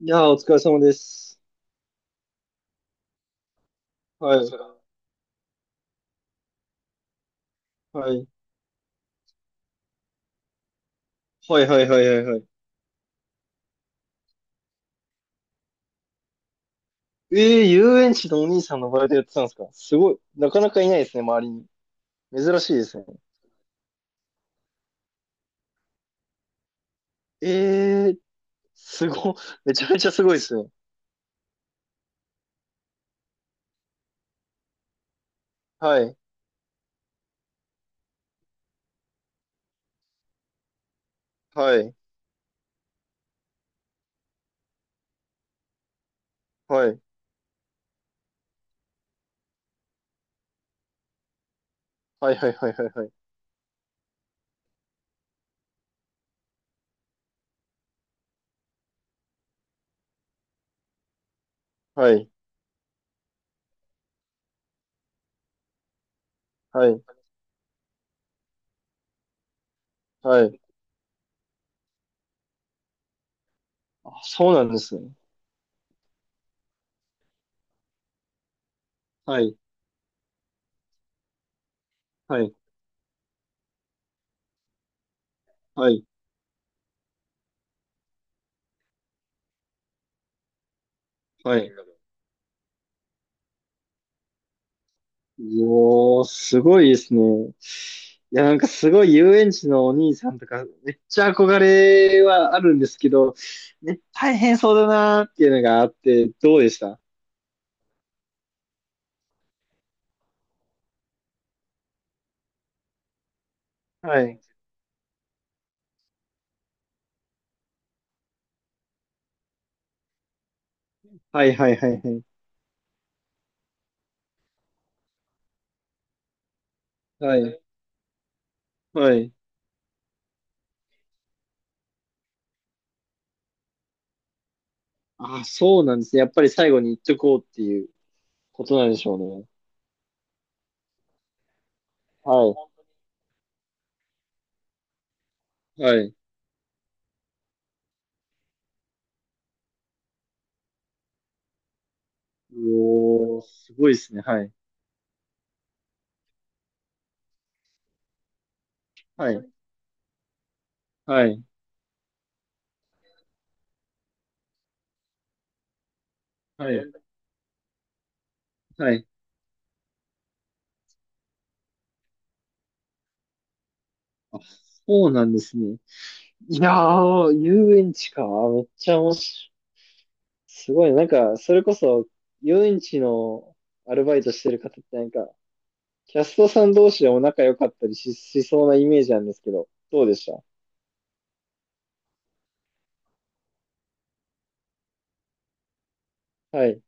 いやー、お疲れ様です。はい。はい。はいはいはいはいはい。ええー、遊園地のお兄さんのバイトやってたんですか、すごい。なかなかいないですね、周りに。珍しいですね。ええー、すご、めちゃめちゃすごいですね。はい。はい。はい。はいはいはいはいはい。はい。はい。はい。あ、そうなんですね。はい。はい。はい。はい。よー、すごいですね。いや、なんかすごい遊園地のお兄さんとか、めっちゃ憧れはあるんですけど、ね、大変そうだなーっていうのがあって、どうでした？はい。はいはいはいはい。はい。はい。あ、そうなんですね。やっぱり最後に言っとこうっていうことなんでしょうね。はい。はい。おー、すごいですね。はい。はい。はい。はい。はい。あ、そうなんですね。いやー、遊園地か。めっちゃ面白い。すごいね、なんか、それこそ、遊園地のアルバイトしてる方ってなんか、キャストさん同士でも仲良かったりしそうなイメージなんですけど、どうでした？はい。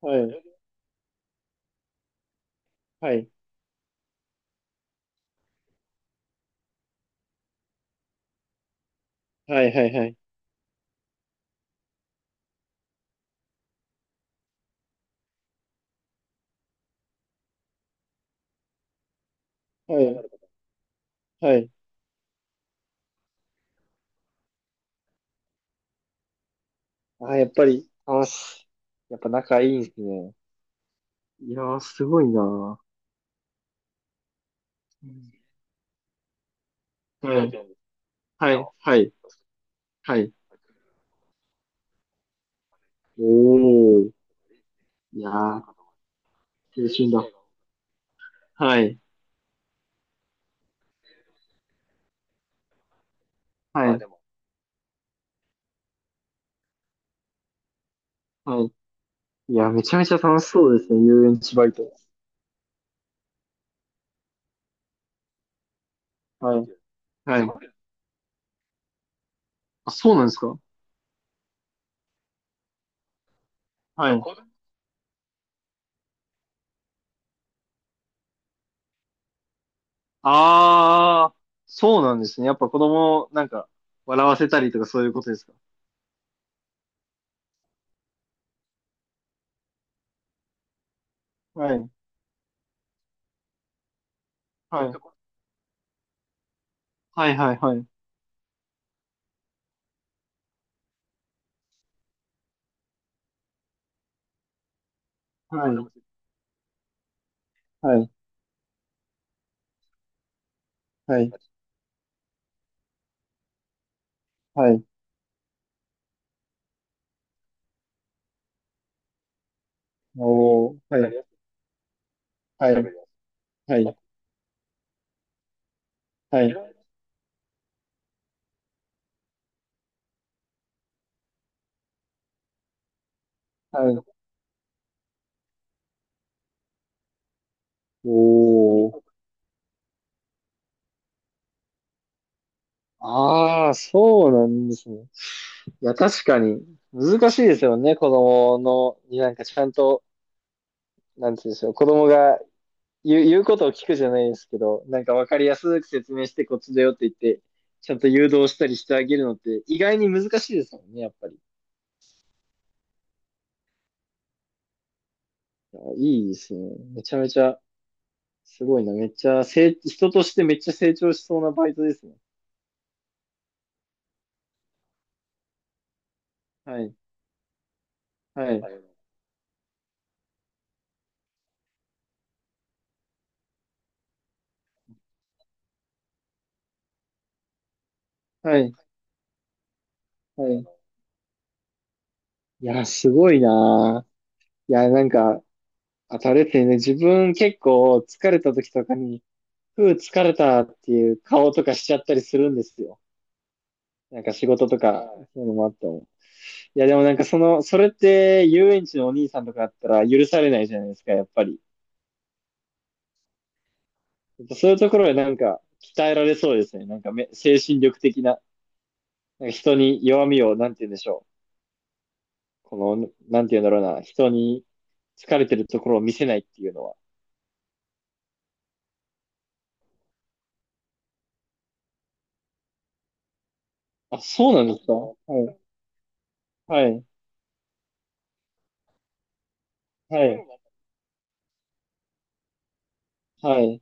はい。はい。はい。はい。はい。はい。はい。あ、やっぱり、あ、すやっぱ仲いいんですね。いやー、すごいなー。はい。はい。はい。はい。おー。いやー、青春だ。はい。はい。はい。いや、めちゃめちゃ楽しそうですね、遊園地バイト。はい。はい。あ、そうなんですか？はい。ああ、そうなんですね。やっぱ子供をなんか笑わせたりとかそういうことですか？はい。はい。はいはいはい。はい。はい。はい。はい。おー。はい。はい。はい。はい。はい。おー。ああ、そうなんですね。いや、確かに難しいですよね。子供の、になんかちゃんと、なんていうんでしょう。子供が言うことを聞くじゃないですけど、なんかわかりやすく説明してこっちだよって言って、ちゃんと誘導したりしてあげるのって意外に難しいですもんね、やっぱり。いや、いいですね。めちゃめちゃ、すごいな。めっちゃ、人としてめっちゃ成長しそうなバイトですね。はい。はい。はい。はい。いや、すごいな。いや、なんか、あとあれですね、自分結構疲れた時とかに、ふう疲れたっていう顔とかしちゃったりするんですよ。なんか仕事とか、そういうのもあっても。いや、でもなんかその、それって遊園地のお兄さんとかだったら許されないじゃないですか、やっぱり。そういうところでなんか鍛えられそうですね。なんか精神力的な、なんか人に弱みを、なんて言うんでしょう。この、なんて言うんだろうな、人に疲れてるところを見せないっていうのは。あ、そうなんですか？はい。はい。はい。はい。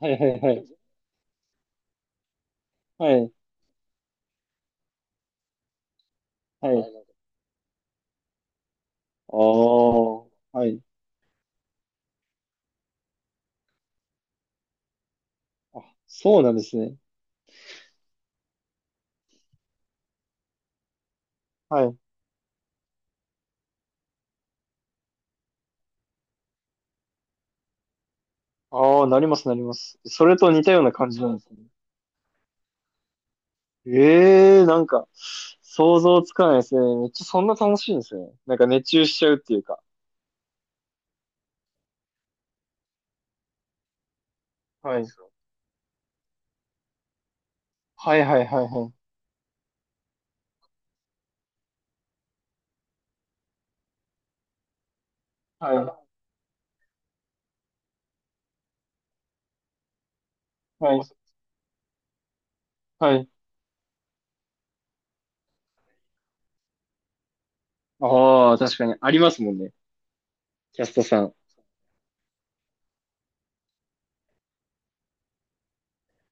はい。はい。はい。はい。はい。ああ、はい。あ、そうなんですね。はい。ああ、なります、なります。それと似たような感じなんですね。ええー、なんか、想像つかないですね。めっちゃそんな楽しいんですね。なんか熱中しちゃうっていうか。はい。はいはいはいはい。はい。はい。はい。ああ、確かに。ありますもんね。キャストさん。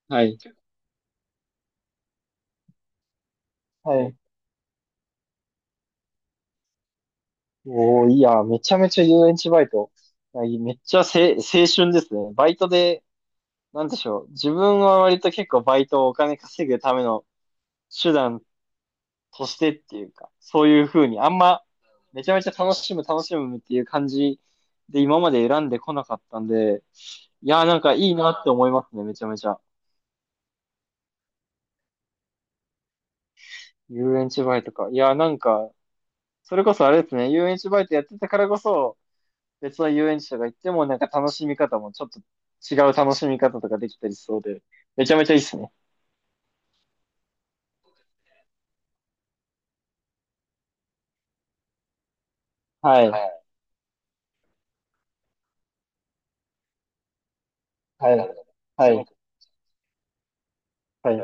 はい。はい。おー、いや、めちゃめちゃ遊園地バイト。あいいめっちゃせ、青春ですね。バイトで、なんでしょう。自分は割と結構バイトをお金稼ぐための手段としてっていうか、そういう風にあんま、めちゃめちゃ楽しむ、楽しむっていう感じで今まで選んでこなかったんで、いやー、なんかいいなって思いますね、めちゃめちゃ。遊園地バイトか。いやー、なんか、それこそあれですね、遊園地バイトやってたからこそ、別の遊園地とか行ってもなんか楽しみ方もちょっと違う楽しみ方とかできたりしそうで、めちゃめちゃいいっすね。はい。い。。ど。はい。はい。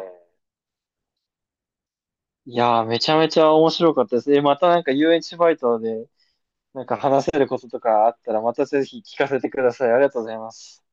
いやー、めちゃめちゃ面白かったです。え、またなんか遊園地バイトでなんか話せることとかあったらまたぜひ聞かせてください。ありがとうございます。